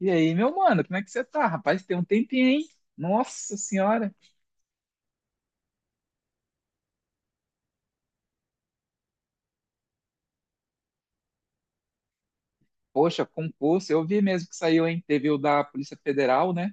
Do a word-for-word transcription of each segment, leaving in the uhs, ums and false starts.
E aí, meu mano, como é que você tá? Rapaz, tem um tempinho, hein? Nossa senhora. Poxa, concurso, eu vi mesmo que saiu, hein? Teve o da Polícia Federal, né?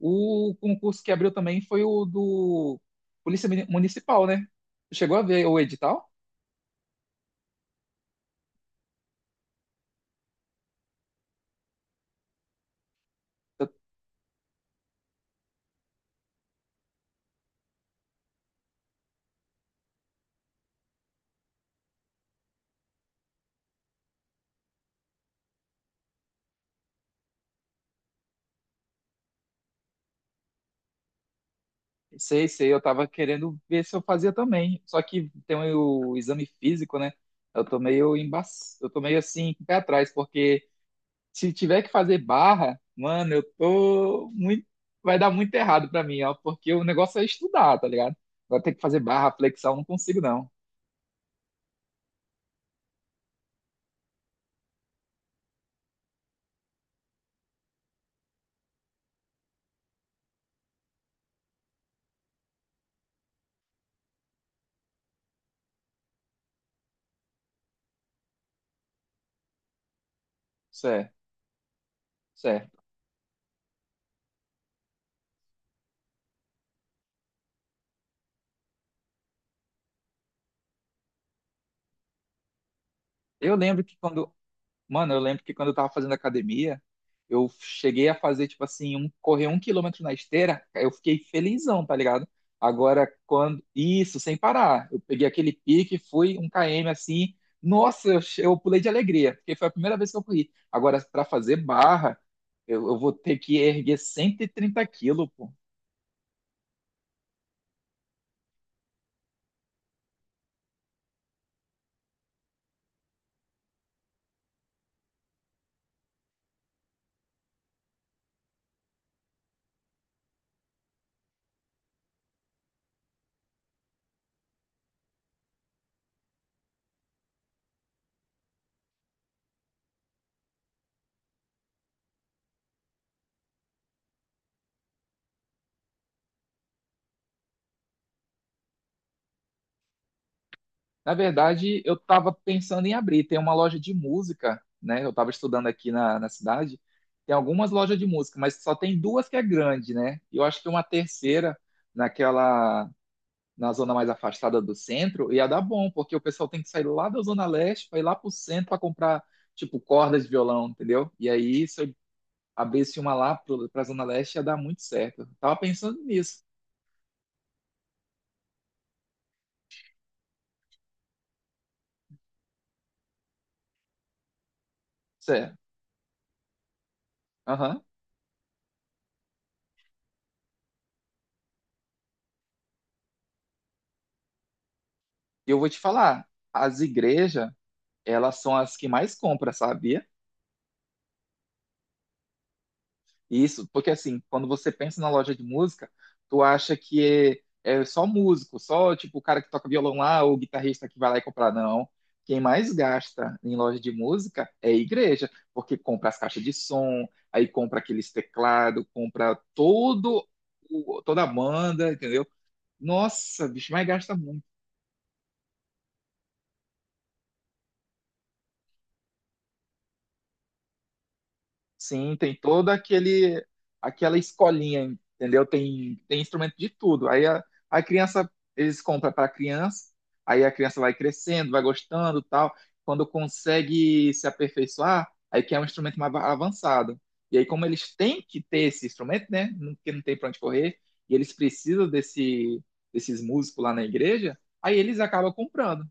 O concurso que abriu também foi o do Polícia Muni- Municipal, né? Chegou a ver o edital? Eu- Sei, sei, eu tava querendo ver se eu fazia também. Só que tem o exame físico, né? Eu tô meio embaç... eu tô meio assim, com o pé atrás, porque. Se tiver que fazer barra, mano, eu tô muito. Vai dar muito errado pra mim, ó, porque o negócio é estudar, tá ligado? Vai ter que fazer barra, flexão, não consigo não. Certo, certo. Eu lembro que quando, Mano, eu lembro que quando eu tava fazendo academia, eu cheguei a fazer, tipo assim, um, correr um quilômetro na esteira, eu fiquei felizão, tá ligado? Agora, quando. Isso, sem parar. Eu peguei aquele pique, fui um quilômetro assim. Nossa, eu, che- eu pulei de alegria, porque foi a primeira vez que eu corri. Agora, pra fazer barra, eu, eu vou ter que erguer cento e trinta quilos. Na verdade, eu estava pensando em abrir. Tem uma loja de música, né? Eu estava estudando aqui na, na cidade. Tem algumas lojas de música, mas só tem duas que é grande, né? E eu acho que uma terceira, naquela, na zona mais afastada do centro, ia dar bom, porque o pessoal tem que sair lá da Zona Leste para ir lá para o centro para comprar, tipo, cordas de violão, entendeu? E aí, se eu abrisse uma lá para a Zona Leste, ia dar muito certo. Eu tava pensando nisso. Certo. Aham. E eu vou te falar, as igrejas elas são as que mais compram, sabia? Isso, porque assim, quando você pensa na loja de música, tu acha que é, é só músico, só tipo o cara que toca violão lá, ou o guitarrista que vai lá e comprar, não. Quem mais gasta em loja de música é a igreja, porque compra as caixas de som, aí compra aqueles teclados, compra todo o- toda a banda, entendeu? Nossa, bicho, mas gasta muito. Sim, tem toda aquele aquela escolinha, entendeu? Tem tem instrumento de tudo. Aí a, a criança eles compram para a criança, aí a criança vai crescendo, vai gostando, tal. Quando consegue se aperfeiçoar, aí quer um instrumento mais va- avançado. E aí como eles têm que ter esse instrumento, né? Não- Porque não tem para onde correr, e eles precisam desse desses músicos lá na igreja, aí eles acabam comprando.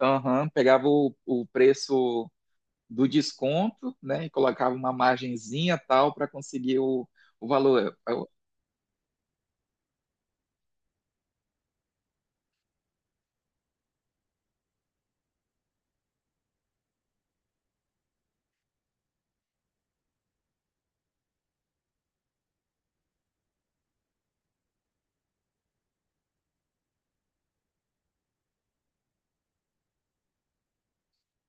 Aham, pegava o, o preço do desconto, né? E colocava uma margenzinha tal para conseguir o, o valor. Eu,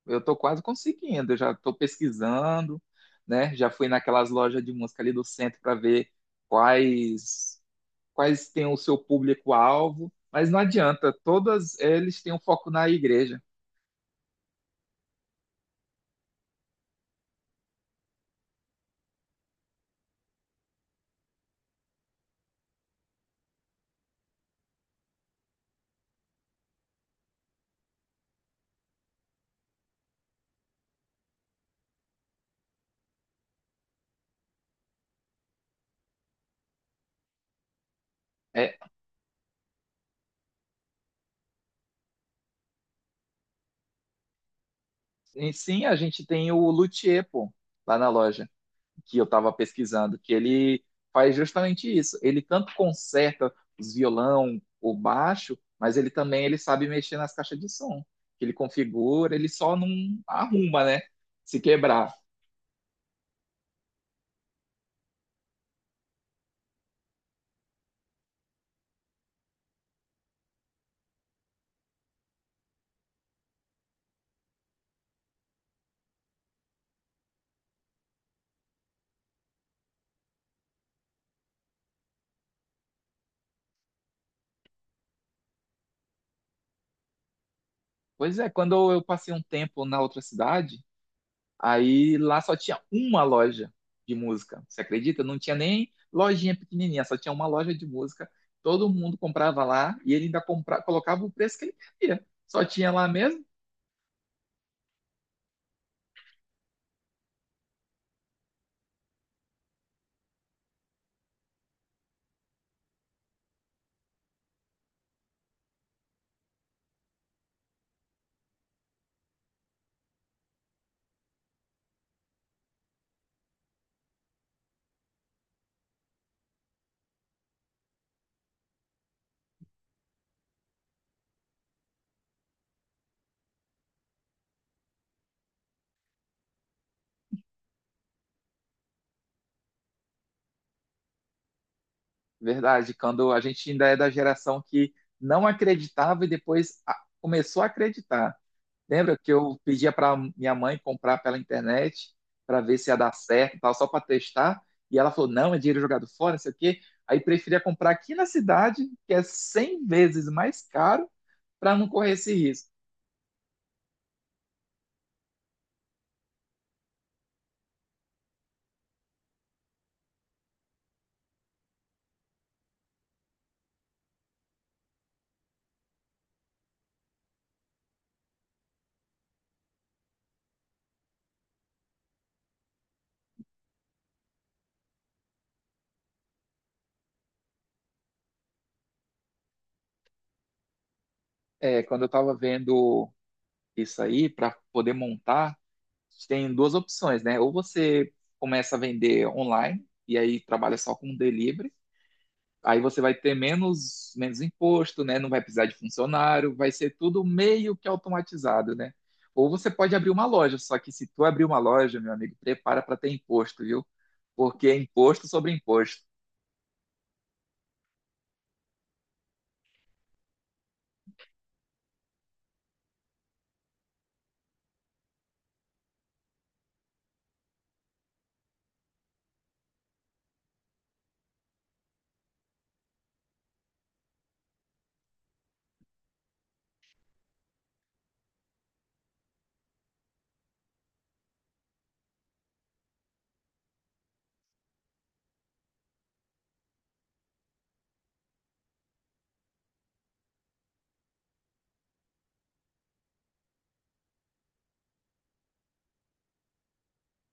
Estou quase conseguindo, eu já estou pesquisando, né? Já fui naquelas lojas de música ali do centro para ver quais quais têm o seu público-alvo, mas não adianta, todas eles têm um foco na igreja. É, e sim, a gente tem o luthier, pô, lá na loja, que eu estava pesquisando, que ele faz justamente isso. Ele tanto conserta os violão, o baixo, mas ele também ele sabe mexer nas caixas de som. Que ele configura, ele só não arruma, né? Se quebrar. Pois é, quando eu passei um tempo na outra cidade, aí lá só tinha uma loja de música. Você acredita? Não tinha nem lojinha pequenininha, só tinha uma loja de música. Todo mundo comprava lá e ele ainda compra, colocava o preço que ele queria. Só tinha lá mesmo. Verdade, quando a gente ainda é da geração que não acreditava e depois a- começou a acreditar. Lembra que eu pedia para minha mãe comprar pela internet para ver se ia dar certo, e tal, só para testar, e ela falou: "Não, é dinheiro jogado fora, não sei o quê". Aí preferia comprar aqui na cidade, que é cem vezes mais caro, para não correr esse risco. É, quando eu estava vendo isso aí para poder montar, tem duas opções, né? Ou você começa a vender online e aí trabalha só com delivery. Aí você vai ter menos, menos imposto, né? Não vai precisar de funcionário, vai ser tudo meio que automatizado, né? Ou você pode abrir uma loja, só que se tu abrir uma loja, meu amigo, prepara para ter imposto, viu? Porque é imposto sobre imposto.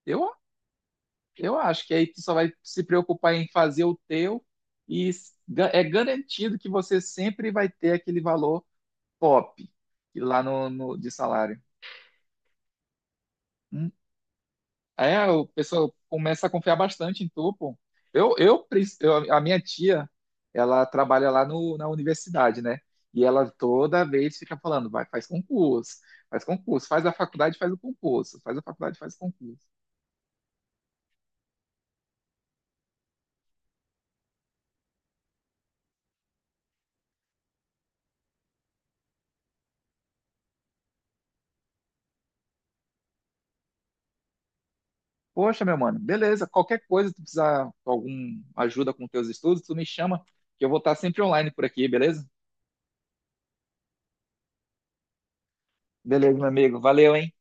Eu, eu acho que aí tu só vai se preocupar em fazer o teu e s- ga- é garantido que você sempre vai ter aquele valor top lá no, no- de salário. É, o pessoal começa a confiar bastante em tu, pô. Eu, eu, pres- eu- a minha tia, ela trabalha lá no, na universidade, né? E ela toda vez fica falando, vai, faz concurso, faz concurso, faz a faculdade, faz o concurso, faz a faculdade, faz o concurso. Poxa, meu mano, beleza, qualquer coisa, tu precisar de alguma ajuda com teus estudos, tu me chama, que eu vou estar sempre online por aqui, beleza? Beleza, meu amigo, valeu, hein?